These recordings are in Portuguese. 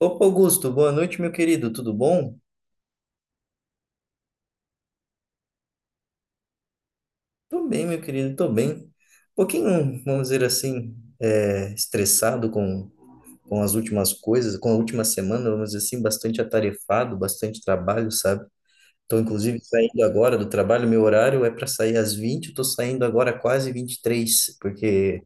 Opa, Augusto, boa noite, meu querido, tudo bom? Tô bem, meu querido, tô bem. Um pouquinho, vamos dizer assim, estressado com as últimas coisas, com a última semana, vamos dizer assim, bastante atarefado, bastante trabalho, sabe? Tô, inclusive, saindo agora do trabalho, meu horário é para sair às 20h. Eu tô saindo agora quase 23h, porque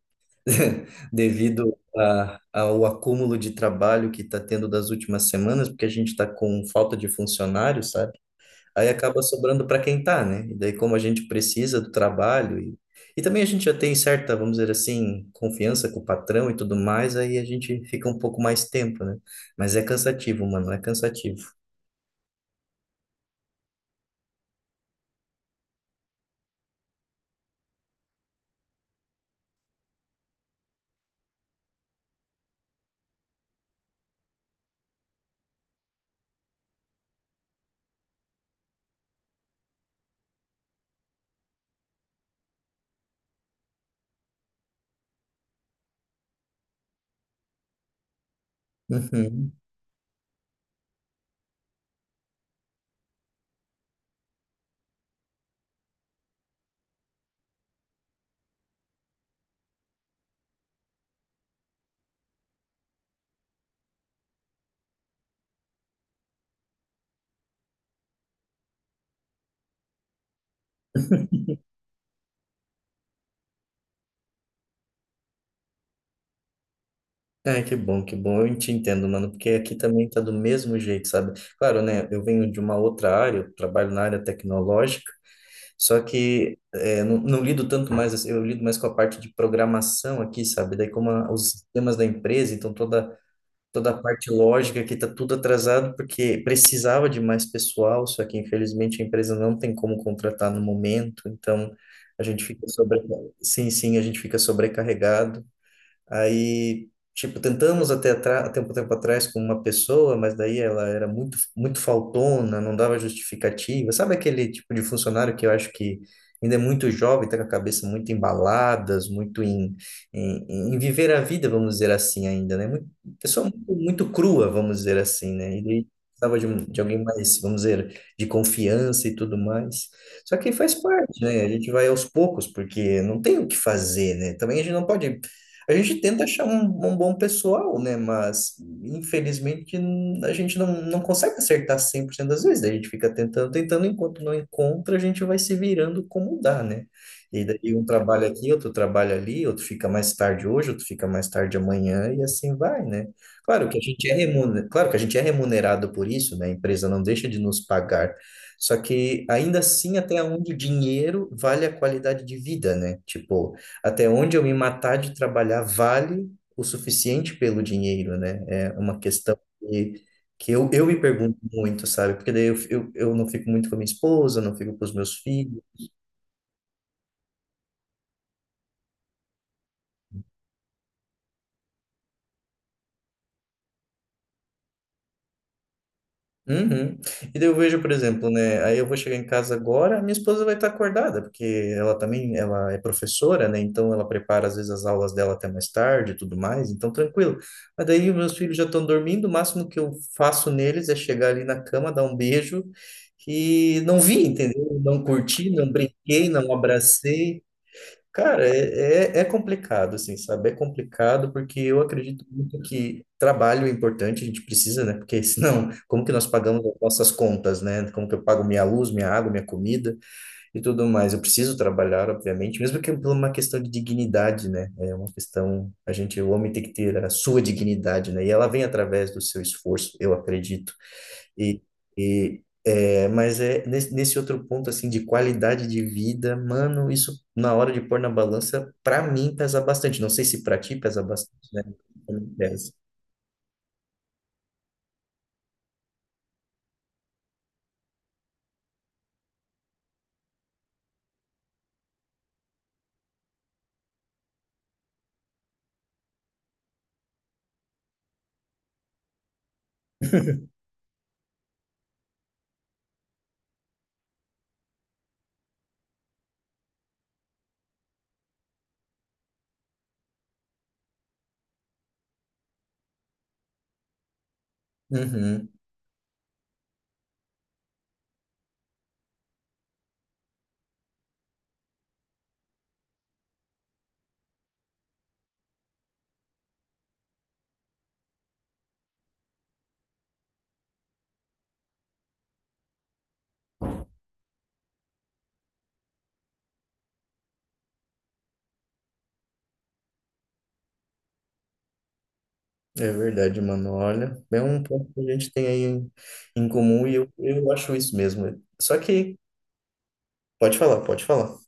devido ao acúmulo de trabalho que está tendo das últimas semanas, porque a gente está com falta de funcionários, sabe? Aí acaba sobrando para quem tá, né? E daí, como a gente precisa do trabalho e também a gente já tem certa, vamos dizer assim, confiança com o patrão e tudo mais, aí a gente fica um pouco mais tempo, né? Mas é cansativo, mano, é cansativo. Uhum. Ai, que bom, que bom. Eu te entendo, mano, porque aqui também tá do mesmo jeito, sabe? Claro, né? Eu venho de uma outra área, eu trabalho na área tecnológica. Só que não lido tanto mais, assim, eu lido mais com a parte de programação aqui, sabe? Daí como a- os sistemas da empresa, então toda a parte lógica que está tudo atrasado porque precisava de mais pessoal, só que infelizmente a empresa não tem como contratar no momento, então a gente fica sobre... Sim, a gente fica sobrecarregado. Aí, tipo, tentamos até atra- até um tempo atrás com uma pessoa, mas daí ela era muito, muito faltona, não dava justificativa. Sabe aquele tipo de funcionário que eu acho que ainda é muito jovem, tá com a cabeça muito embaladas, muito em viver a vida, vamos dizer assim, ainda, né? Muito, pessoa muito, muito crua, vamos dizer assim, né? E daí precisava de, um- de alguém mais, vamos dizer, de confiança e tudo mais. Só que faz parte, né? A gente vai aos poucos, porque não tem o que fazer, né? Também a gente não pode a gente tenta achar um bom pessoal, né? Mas, infelizmente, n- a gente não, não consegue acertar 100% das vezes. Daí a gente fica tentando, tentando, enquanto não encontra, a gente vai se virando como dá, né? E daí um trabalha aqui, outro trabalha ali, outro fica mais tarde hoje, outro fica mais tarde amanhã, e assim vai, né? Claro que a gente é remunerado, claro que a gente é remunerado por isso, né? A empresa não deixa de nos pagar. Só que ainda assim, até onde o dinheiro vale a qualidade de vida, né? Tipo, até onde eu me matar de trabalhar vale o suficiente pelo dinheiro, né? É uma que eu me pergunto muito, sabe? Porque daí eu não fico muito com a minha esposa, não fico com os meus filhos. Uhum. E daí eu vejo, por exemplo, né? Aí eu vou chegar em casa agora, minha esposa vai estar acordada, porque ela também, ela é professora, né? Então ela prepara às vezes as aulas dela até mais tarde e tudo mais, então tranquilo. Mas daí os meus filhos já estão dormindo, o máximo que eu faço neles é chegar ali na cama, dar um beijo e não vi, entendeu? Não curti, não brinquei, não abracei. Cara, é complicado, assim, sabe? É complicado porque eu acredito muito que trabalho é importante, a gente precisa, né? Porque senão, como que nós pagamos as nossas contas, né? Como que eu pago minha luz, minha água, minha comida e tudo mais? Eu preciso trabalhar, obviamente, mesmo que por uma questão de dignidade, né? É uma questão, a gente, o homem tem que ter a sua dignidade, né? E ela vem através do seu esforço, eu acredito. E, mas é nesse outro ponto assim de qualidade de vida, mano, isso na hora de pôr na balança, pra mim pesa bastante. Não sei se pra ti pesa bastante, né? Pra mim pesa. Uhum, é verdade, mano. Olha, é um ponto que a gente tem em comum e eu acho isso mesmo. Só que pode falar, pode falar.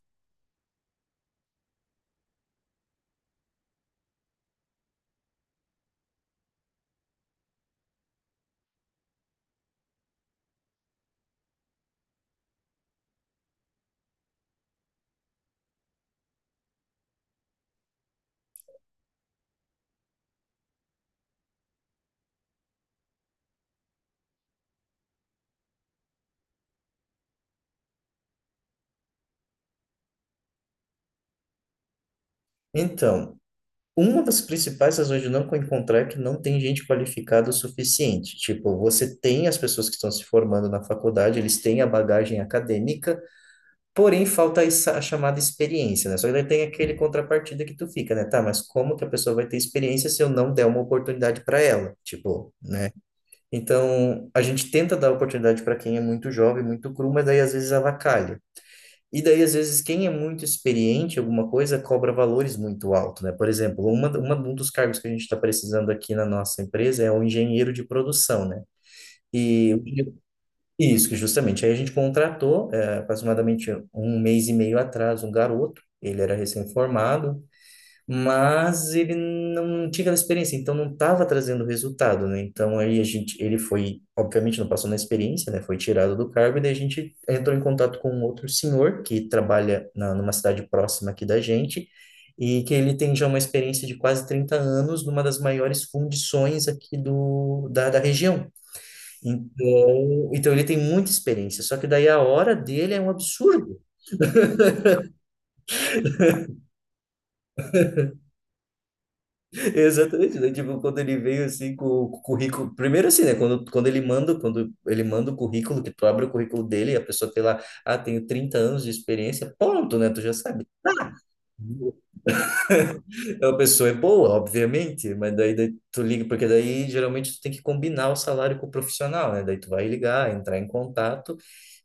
Então, uma das principais razões de não encontrar é que não tem gente qualificada o suficiente. Tipo, você tem as pessoas que estão se formando na faculdade, eles têm a bagagem acadêmica, porém falta essa- a chamada experiência, né? Só que daí tem aquele contrapartida que tu fica, né? Tá, mas como que a pessoa vai ter experiência se eu não der uma oportunidade para ela? Tipo, né? Então, a gente tenta dar oportunidade para quem é muito jovem, muito cru, mas daí às vezes avacalha. E daí, às vezes, quem é muito experiente em alguma coisa cobra valores muito altos né? Por exemplo, um dos cargos que a gente está precisando aqui na nossa empresa é o engenheiro de produção, né? E isso, que justamente. Aí a gente contratou, aproximadamente 1 mês e meio atrás, um garoto, ele era recém-formado, mas ele não tinha aquela experiência, então não estava trazendo resultado, né? Então aí a gente, ele foi, obviamente não passou na experiência, né? Foi tirado do cargo e daí a gente entrou em contato com um outro senhor que trabalha numa cidade próxima aqui da gente e que ele tem já uma experiência de quase 30 anos numa das maiores fundições aqui da região. Então ele tem muita experiência, só que daí a hora dele é um absurdo. Exatamente, né? Tipo, quando ele veio assim com o currículo, primeiro assim, né? Quando quando ele manda o currículo, que tu abre o currículo dele, a pessoa tem lá, ah, tenho 30 anos de experiência, pronto, né? Tu já sabe. A pessoa é boa, obviamente, mas daí tu liga, porque daí geralmente tu tem que combinar o salário com o profissional, né? Daí tu vai ligar, entrar em contato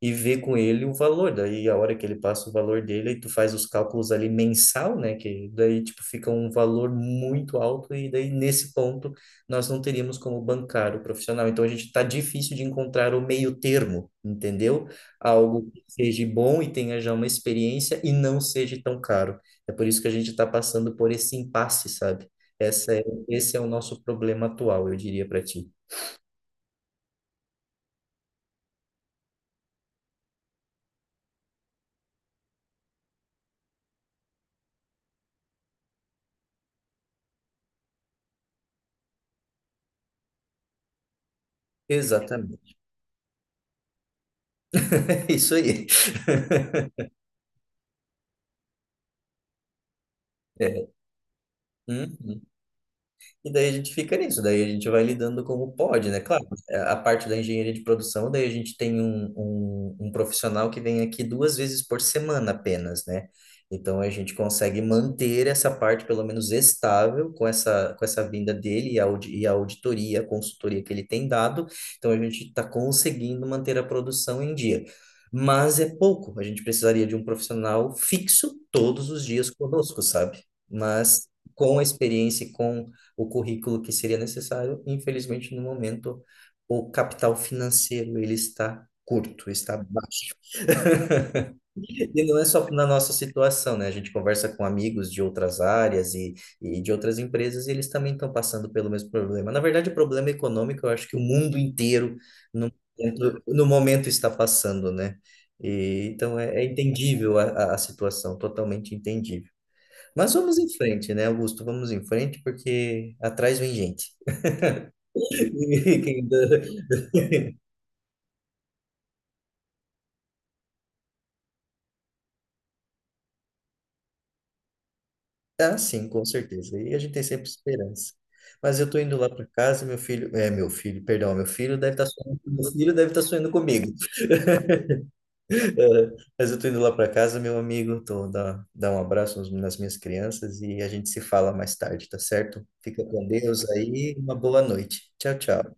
e ver com ele o valor. Daí a hora que ele passa o valor dele, aí tu faz os cálculos ali mensal, né? Que daí tipo fica um valor muito alto e daí nesse ponto nós não teríamos como bancar o profissional. Então a gente tá difícil de encontrar o meio termo, entendeu? Algo que seja bom e tenha já uma experiência e não seja tão caro. É por isso que a gente está passando por esse impasse, sabe? Essa é, esse é o nosso problema atual, eu diria para ti. Exatamente. É isso aí. Hum? E daí a gente fica nisso, daí a gente vai lidando como pode, né? Claro, é, a parte da engenharia de produção, daí a gente tem um profissional que vem aqui 2 vezes por semana apenas, né? Então a gente consegue manter essa parte pelo menos estável com com essa vinda dele e a auditoria, a consultoria que ele tem dado. Então a gente está conseguindo manter a produção em dia. Mas é pouco, a gente precisaria de um profissional fixo todos os dias conosco, sabe? Mas com a experiência e com o currículo que seria necessário. Infelizmente, no momento, o capital financeiro ele está curto, está baixo. E não é só na nossa situação, né? A gente conversa com amigos de outras áreas e de outras empresas e eles também estão passando pelo mesmo problema. Na verdade, o problema econômico, eu acho que o mundo inteiro no no momento está passando, né? É entendível a situação, totalmente entendível. Mas vamos em frente, né, Augusto? Vamos em frente, porque atrás vem gente. Quem dera. Ah, sim, com certeza. E a gente tem sempre esperança. Mas eu tô indo lá para casa, meu filho, perdão, meu filho deve estar sonhando comigo. É, mas eu tô indo lá para casa, meu amigo, dá um abraço nos- nas minhas crianças e a gente se fala mais tarde, tá certo? Fica com Deus aí, uma boa noite. Tchau, tchau.